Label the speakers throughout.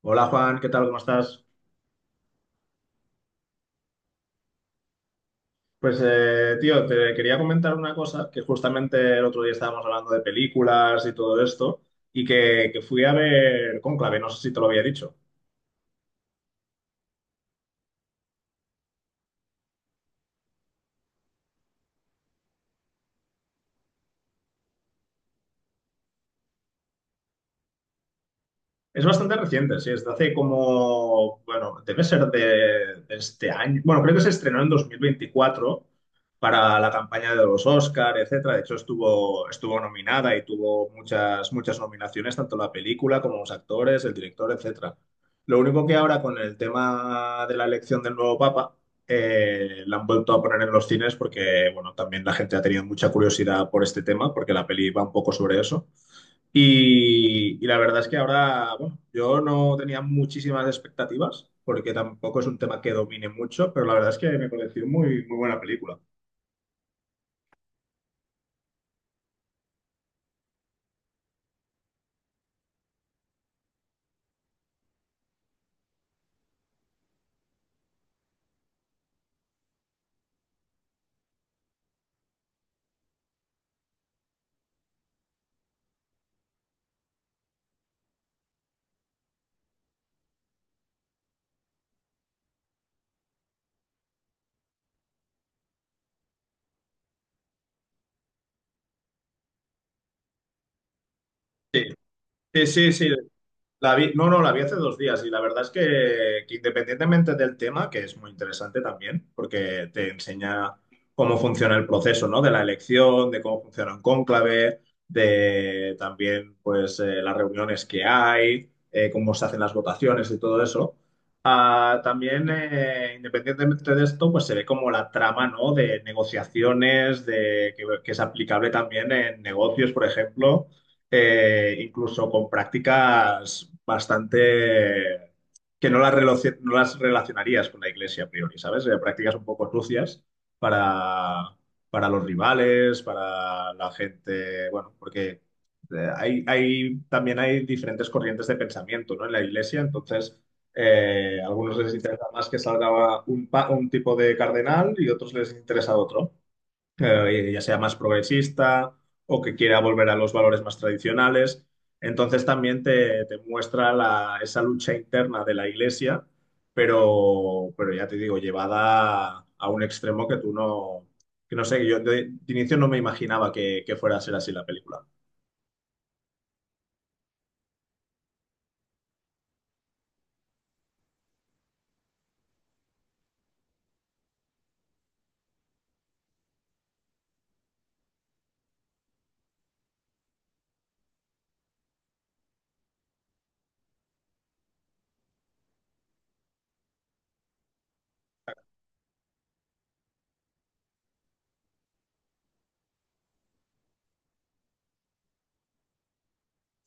Speaker 1: Hola Juan, ¿qué tal? ¿Cómo estás? Pues tío, te quería comentar una cosa que justamente el otro día estábamos hablando de películas y todo esto y que fui a ver Cónclave, no sé si te lo había dicho. Es bastante reciente, sí, es de hace como, bueno, debe ser de este año. Bueno, creo que se estrenó en 2024 para la campaña de los Oscar, etcétera. De hecho, estuvo nominada y tuvo muchas nominaciones, tanto la película como los actores, el director, etcétera. Lo único que ahora con el tema de la elección del nuevo Papa, la han vuelto a poner en los cines porque, bueno, también la gente ha tenido mucha curiosidad por este tema, porque la peli va un poco sobre eso. Y la verdad es que ahora, bueno, yo no tenía muchísimas expectativas, porque tampoco es un tema que domine mucho, pero la verdad es que me pareció muy, muy buena película. Sí, sí, sí, sí, la vi, no, no, la vi hace dos días y la verdad es que independientemente del tema, que es muy interesante también, porque te enseña cómo funciona el proceso, ¿no? De la elección, de cómo funciona un cónclave, de también, pues, las reuniones que hay, cómo se hacen las votaciones y todo eso. Ah, también, independientemente de esto, pues se ve como la trama, ¿no? De negociaciones, de, que es aplicable también en negocios, por ejemplo incluso con prácticas bastante que no las, no las relacionarías con la iglesia a priori, ¿sabes? Prácticas un poco sucias para, para los rivales, para la gente, bueno, porque hay, también hay diferentes corrientes de pensamiento, ¿no? En la iglesia, entonces a algunos les interesa más que salga un tipo de cardenal y otros les interesa otro ya sea más progresista o que quiera volver a los valores más tradicionales. Entonces también te muestra esa lucha interna de la iglesia, pero ya te digo, llevada a un extremo que no sé, yo de inicio no me imaginaba que fuera a ser así la película.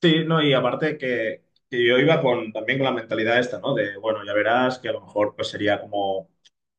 Speaker 1: Sí, no, y aparte que yo iba con, también con la mentalidad esta, ¿no? De, bueno, ya verás que a lo mejor pues sería como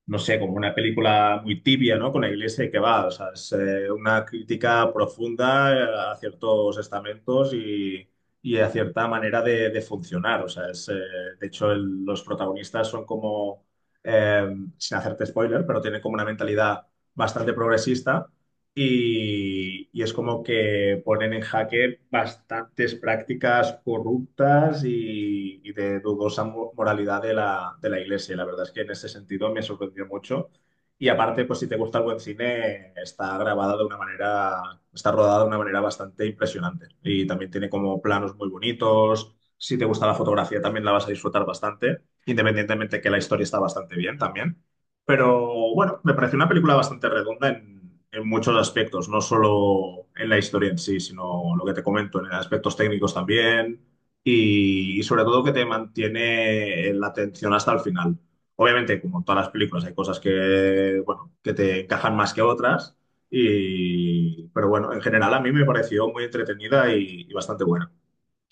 Speaker 1: no sé, como una película muy tibia, ¿no? Con la iglesia que va, o sea, es una crítica profunda a ciertos estamentos y a cierta manera de funcionar, o sea, es, de hecho los protagonistas son como, eh, sin hacerte spoiler, pero tienen como una mentalidad bastante progresista y es como que ponen en jaque bastantes prácticas corruptas y de dudosa moralidad de de la iglesia. Y la verdad es que en ese sentido me sorprendió mucho. Y aparte, pues si te gusta el buen cine, está grabada de una manera, está rodada de una manera bastante impresionante. Y también tiene como planos muy bonitos. Si te gusta la fotografía, también la vas a disfrutar bastante, independientemente que la historia está bastante bien también. Pero bueno, me pareció una película bastante redonda en muchos aspectos, no solo en la historia en sí, sino lo que te comento, en aspectos técnicos también y sobre todo que te mantiene la atención hasta el final. Obviamente, como en todas las películas, hay cosas que, bueno, que te encajan más que otras, pero bueno, en general a mí me pareció muy entretenida y bastante buena.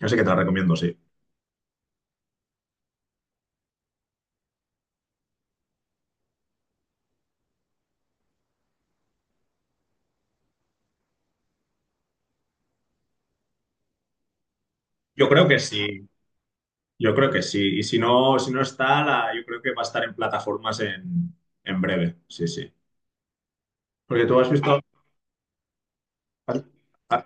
Speaker 1: Así que te la recomiendo, sí. Yo creo que sí. Yo creo que sí. Y si no, yo creo que va a estar en plataformas en breve. Sí, sí. Porque tú has visto. Ah,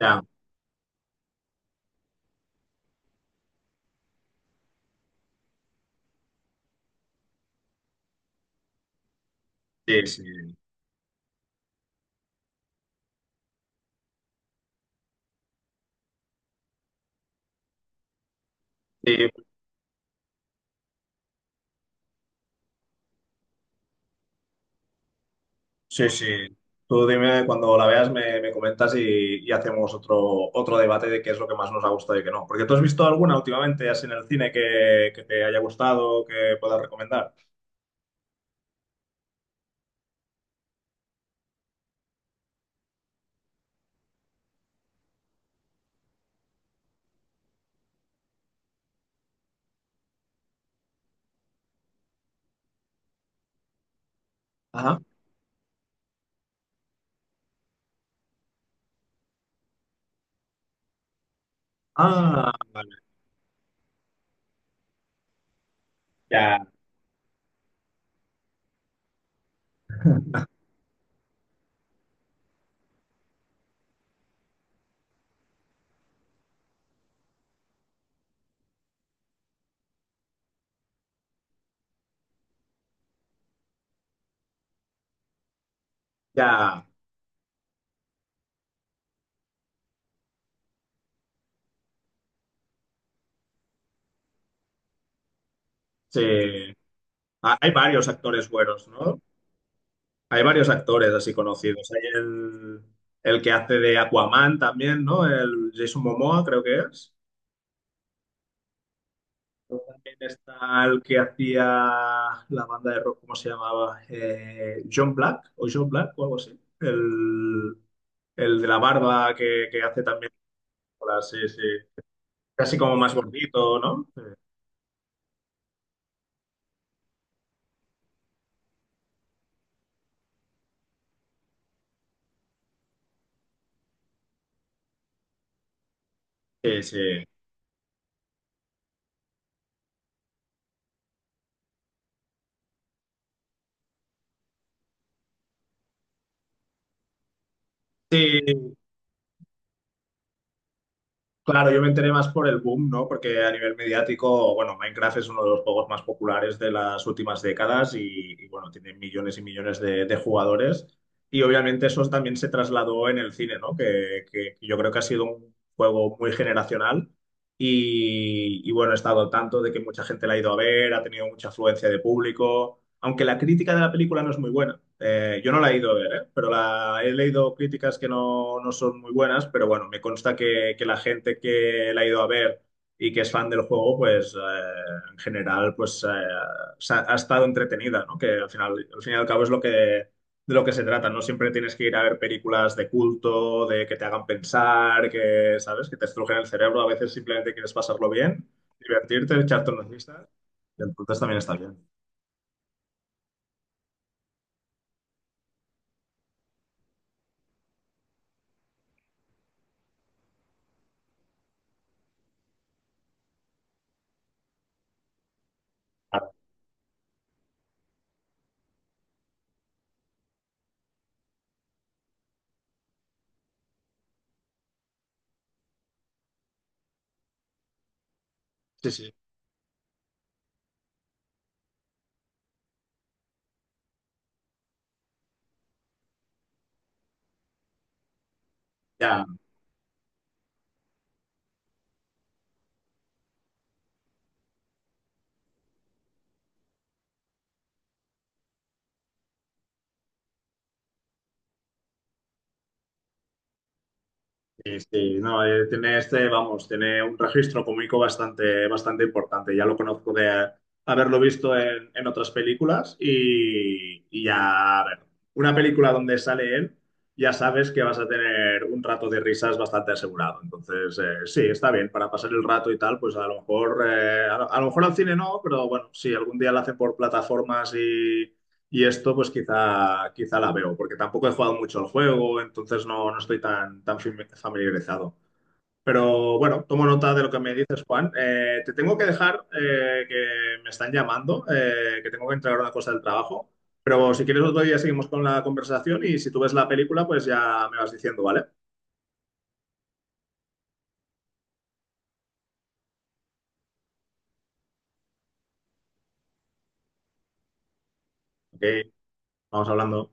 Speaker 1: ya, sí, sí. Sí, sí, sí. Tú dime cuando la veas, me comentas y hacemos otro, otro debate de qué es lo que más nos ha gustado y qué no. Porque tú has visto alguna últimamente, así en el cine, que te haya gustado, que puedas recomendar. Ajá. Ah, vale. Ya, ya. Sí. Ah, hay varios actores buenos, ¿no? Hay varios actores así conocidos. Hay el que hace de Aquaman también, ¿no? El Jason Momoa, creo que es. También está el que hacía la banda de rock, ¿cómo se llamaba? John Black o algo así. El de la barba que hace también. Sí, sí. Casi como más gordito, ¿no? Sí, sí. Sí, claro, yo me enteré más por el boom, ¿no? Porque a nivel mediático, bueno, Minecraft es uno de los juegos más populares de las últimas décadas y, bueno, tiene millones y millones de jugadores. Y obviamente eso también se trasladó en el cine, ¿no? Que yo creo que ha sido un juego muy generacional y, bueno, he estado al tanto de que mucha gente la ha ido a ver, ha tenido mucha afluencia de público aunque la crítica de la película no es muy buena. Yo no la he ido a ver, ¿eh? Pero la, he leído críticas que no, no son muy buenas, pero bueno, me consta que la gente que la ha ido a ver y que es fan del juego, pues en general, pues ha estado entretenida, ¿no? Que al final, al fin y al cabo es lo que, de lo que se trata, no siempre tienes que ir a ver películas de culto, de que te hagan pensar, que, ¿sabes? Que te estrujen el cerebro, a veces simplemente quieres pasarlo bien, divertirte, echarte unas risas, y entonces también está bien. Ah, sí, sí. Ya, sí, sí, no, tiene este, vamos, tiene un registro cómico bastante, bastante importante. Ya lo conozco de haberlo visto en otras películas y ya, a ver, una película donde sale él, ya sabes que vas a tener un rato de risas bastante asegurado. Entonces, sí, está bien, para pasar el rato y tal, pues a lo mejor, a lo mejor al cine no, pero bueno, si algún día lo hacen por plataformas y esto pues quizá, quizá la veo, porque tampoco he jugado mucho el juego, entonces no, no estoy tan, tan familiarizado. Pero bueno, tomo nota de lo que me dices, Juan. Te tengo que dejar, que me están llamando, que tengo que entregar una cosa del trabajo. Pero si quieres otro día seguimos con la conversación y si tú ves la película, pues ya me vas diciendo, ¿vale? Ok, vamos hablando.